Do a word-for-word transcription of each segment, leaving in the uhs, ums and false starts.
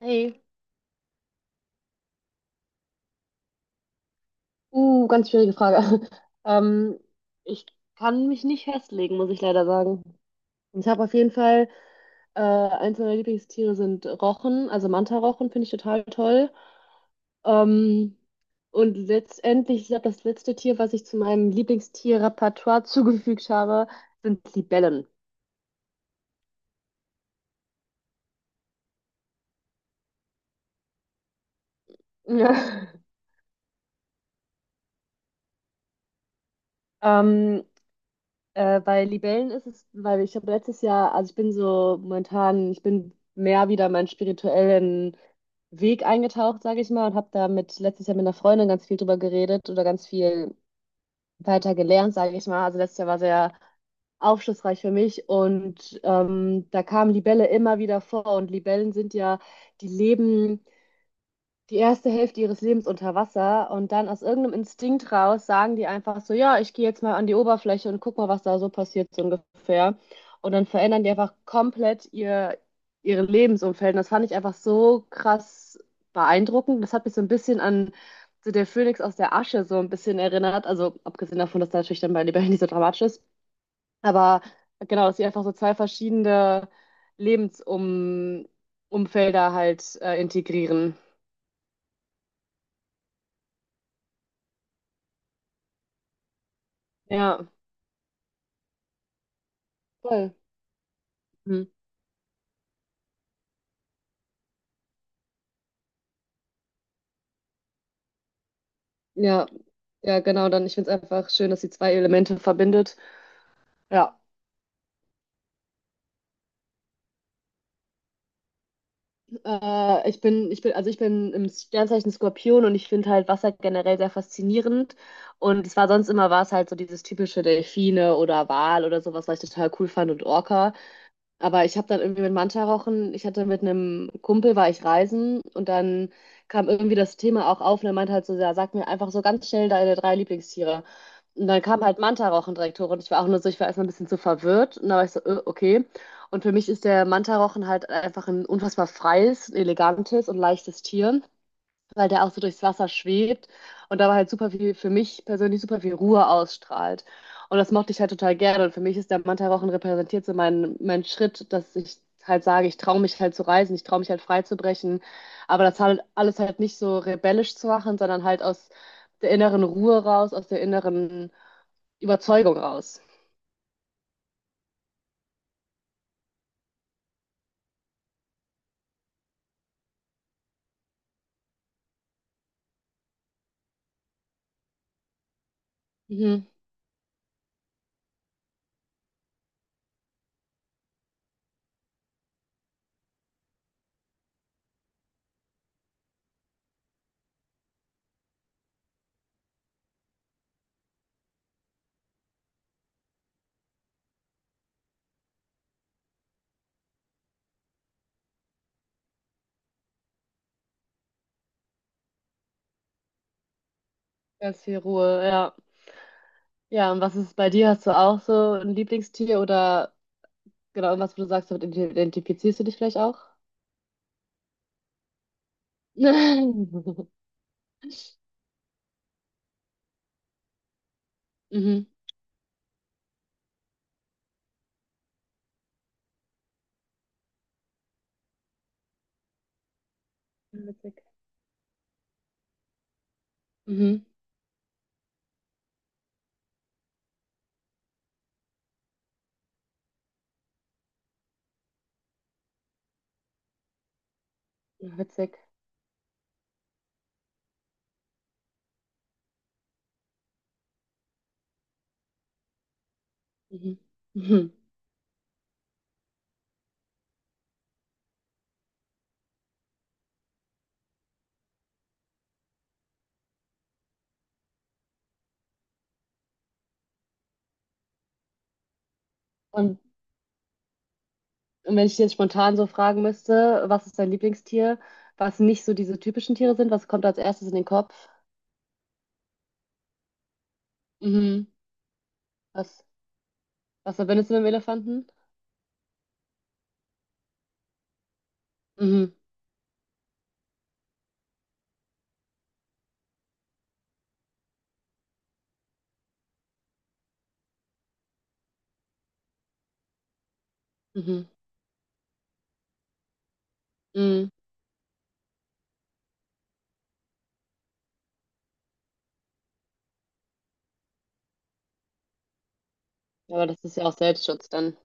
Hey, uh, ganz schwierige Frage. Ähm, ich kann mich nicht festlegen, muss ich leider sagen. Ich habe auf jeden Fall, äh, eins meiner Lieblingstiere sind Rochen, also Manta-Rochen finde ich total toll. Ähm, und letztendlich, ich glaube, das letzte Tier, was ich zu meinem Lieblingstier-Repertoire zugefügt habe, sind Libellen. Ja. Ähm, Äh, bei Libellen ist es, weil ich habe letztes Jahr, also ich bin so momentan, ich bin mehr wieder meinen spirituellen Weg eingetaucht, sage ich mal, und habe da mit letztes Jahr mit einer Freundin ganz viel drüber geredet oder ganz viel weiter gelernt, sage ich mal. Also letztes Jahr war sehr aufschlussreich für mich und ähm, da kam Libelle immer wieder vor und Libellen sind ja, die leben die erste Hälfte ihres Lebens unter Wasser und dann aus irgendeinem Instinkt raus sagen die einfach so, ja, ich gehe jetzt mal an die Oberfläche und guck mal, was da so passiert, so ungefähr. Und dann verändern die einfach komplett ihr, ihre Lebensumfeld. Und das fand ich einfach so krass beeindruckend. Das hat mich so ein bisschen an so der Phönix aus der Asche so ein bisschen erinnert. Also abgesehen davon, dass da natürlich dann bei Leberhin nicht so dramatisch ist. Aber genau, dass sie einfach so zwei verschiedene Lebensumfelder halt äh, integrieren. Ja. Voll. Mhm. Ja, ja, genau. Dann, ich finde es einfach schön, dass sie zwei Elemente verbindet. Ja. Äh, ich bin, ich bin, also ich bin im Sternzeichen Skorpion und ich finde halt Wasser generell sehr faszinierend. Und es war sonst immer war es halt so dieses typische Delfine oder Wal oder sowas, was ich total cool fand und Orca. Aber ich habe dann irgendwie mit Manta rauchen, ich hatte mit einem Kumpel, war ich reisen und dann kam irgendwie das Thema auch auf und er meinte halt so, ja, sag mir einfach so ganz schnell deine drei Lieblingstiere. Und dann kam halt Manta rauchen direkt hoch und ich war auch nur so, ich war erstmal ein bisschen zu verwirrt und dann war ich so, äh, okay. Und für mich ist der Manta rauchen halt einfach ein unfassbar freies, elegantes und leichtes Tier, weil der auch so durchs Wasser schwebt und dabei halt super viel, für mich persönlich super viel Ruhe ausstrahlt. Und das mochte ich halt total gerne. Und für mich ist der Mantarochen repräsentiert so meinen mein Schritt, dass ich halt sage, ich traue mich halt zu reisen, ich traue mich halt frei zu brechen. Aber das halt alles halt nicht so rebellisch zu machen, sondern halt aus der inneren Ruhe raus, aus der inneren Überzeugung raus. Mhm. Ganz viel Ruhe, ja. Ja, und was ist bei dir? Hast du auch so ein Lieblingstier oder genau irgendwas, wo du sagst, damit identifizierst du dich vielleicht auch? Mhm. Witzig. Mhm. Ja, witzig. Mhm. Mhm. Und, und wenn ich dir jetzt spontan so fragen müsste, was ist dein Lieblingstier, was nicht so diese typischen Tiere sind, was kommt als erstes in den Kopf? Mhm. Was, was verbindest du mit dem Elefanten? Mhm. Mhm. Mhm. Aber das ist ja auch Selbstschutz dann.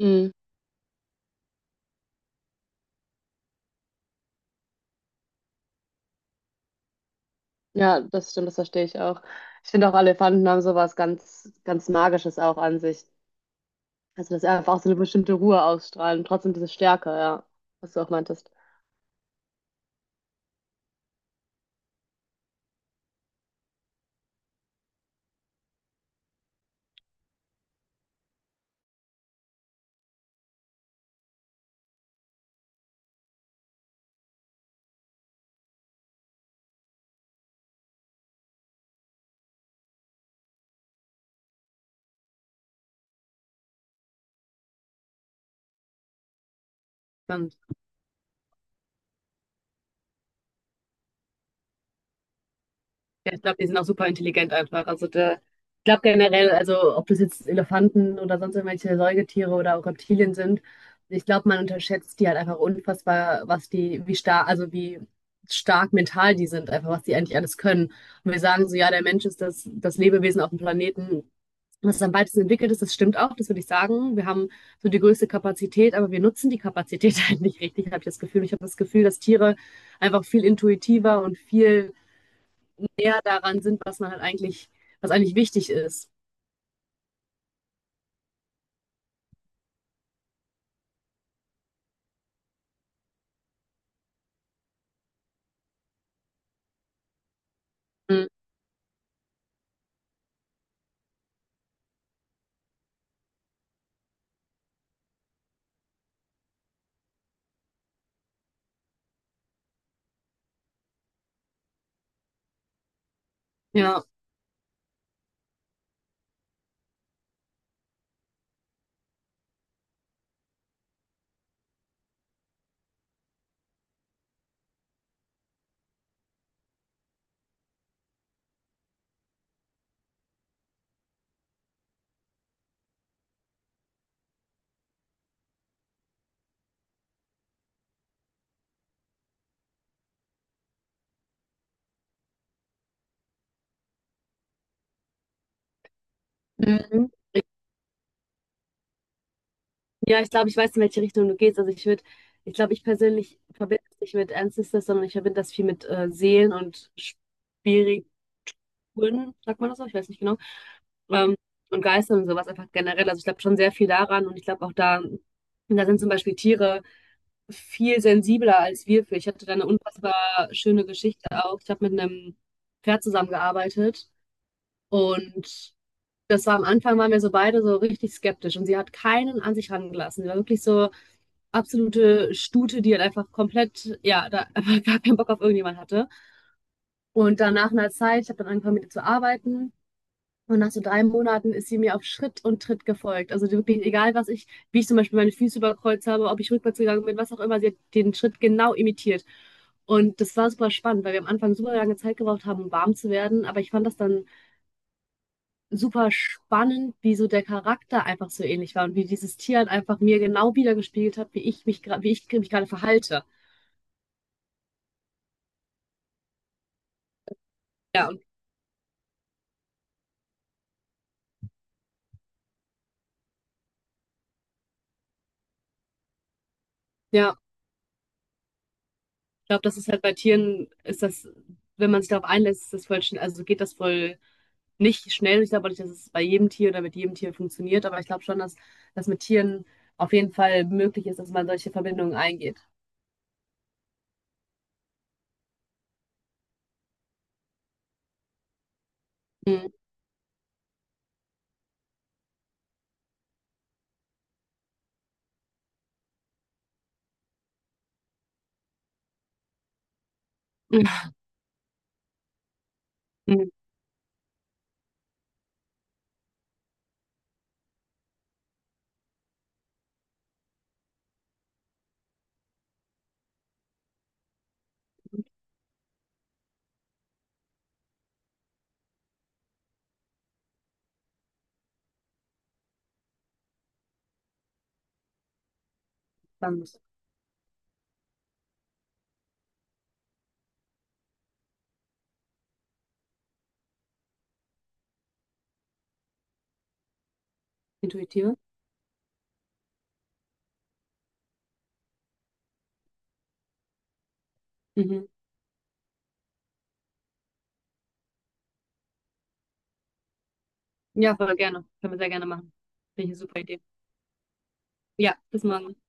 Mhm. Ja, das stimmt, das verstehe ich auch. Ich finde auch, Elefanten haben sowas ganz, ganz Magisches auch an sich. Also, dass sie einfach auch so eine bestimmte Ruhe ausstrahlen, trotzdem diese Stärke, ja, was du auch meintest. Stimmt. Ja, ich glaube, die sind auch super intelligent einfach. Also der, ich glaube generell, also ob das jetzt Elefanten oder sonst irgendwelche Säugetiere oder auch Reptilien sind, ich glaube, man unterschätzt die halt einfach unfassbar, was die, wie stark, also wie stark mental die sind, einfach was die eigentlich alles können. Und wir sagen so, ja, der Mensch ist das, das Lebewesen auf dem Planeten, was am weitesten entwickelt ist. Das stimmt auch, das würde ich sagen. Wir haben so die größte Kapazität, aber wir nutzen die Kapazität halt nicht richtig, habe ich das Gefühl. Ich habe das Gefühl, dass Tiere einfach viel intuitiver und viel eher daran sind, was man halt eigentlich, was eigentlich wichtig ist. Mhm. Ja. Mhm. Ja, ich glaube, ich weiß, in welche Richtung du gehst. Also ich würde, ich glaube, ich persönlich verbinde das nicht mit Ancestors, sondern ich verbinde das viel mit äh, Seelen und Spiriten, sagt man das so? Ich weiß nicht genau. Ähm, und Geistern und sowas einfach generell. Also ich glaube schon sehr viel daran und ich glaube auch da, da sind zum Beispiel Tiere viel sensibler als wir für. Ich hatte da eine unfassbar schöne Geschichte auch. Ich habe mit einem Pferd zusammengearbeitet und das war am Anfang, waren wir so beide so richtig skeptisch und sie hat keinen an sich rangelassen. Sie war wirklich so absolute Stute, die halt einfach komplett, ja, da einfach gar keinen Bock auf irgendjemand hatte. Und dann nach einer Zeit, ich habe dann angefangen mit ihr zu arbeiten. Und nach so drei Monaten ist sie mir auf Schritt und Tritt gefolgt. Also die wirklich, egal was ich, wie ich zum Beispiel meine Füße überkreuzt habe, ob ich rückwärts gegangen bin, was auch immer, sie hat den Schritt genau imitiert. Und das war super spannend, weil wir am Anfang super lange Zeit gebraucht haben, um warm zu werden. Aber ich fand das dann super spannend, wie so der Charakter einfach so ähnlich war und wie dieses Tier halt einfach mir genau wiedergespiegelt hat, wie ich mich gerade, wie ich mich gerade verhalte. Ja, und ja, ich glaube, das ist halt bei Tieren, ist das, wenn man sich darauf einlässt, ist das voll schnell, also geht das voll nicht schnell. Ich glaube auch nicht, dass es bei jedem Tier oder mit jedem Tier funktioniert, aber ich glaube schon, dass das mit Tieren auf jeden Fall möglich ist, dass man solche Verbindungen eingeht. Mhm. Mhm. Spannend. Intuitive. Mhm. Ja, voll gerne. Können wir sehr gerne machen. Finde ich eine super Idee. Ja, bis morgen.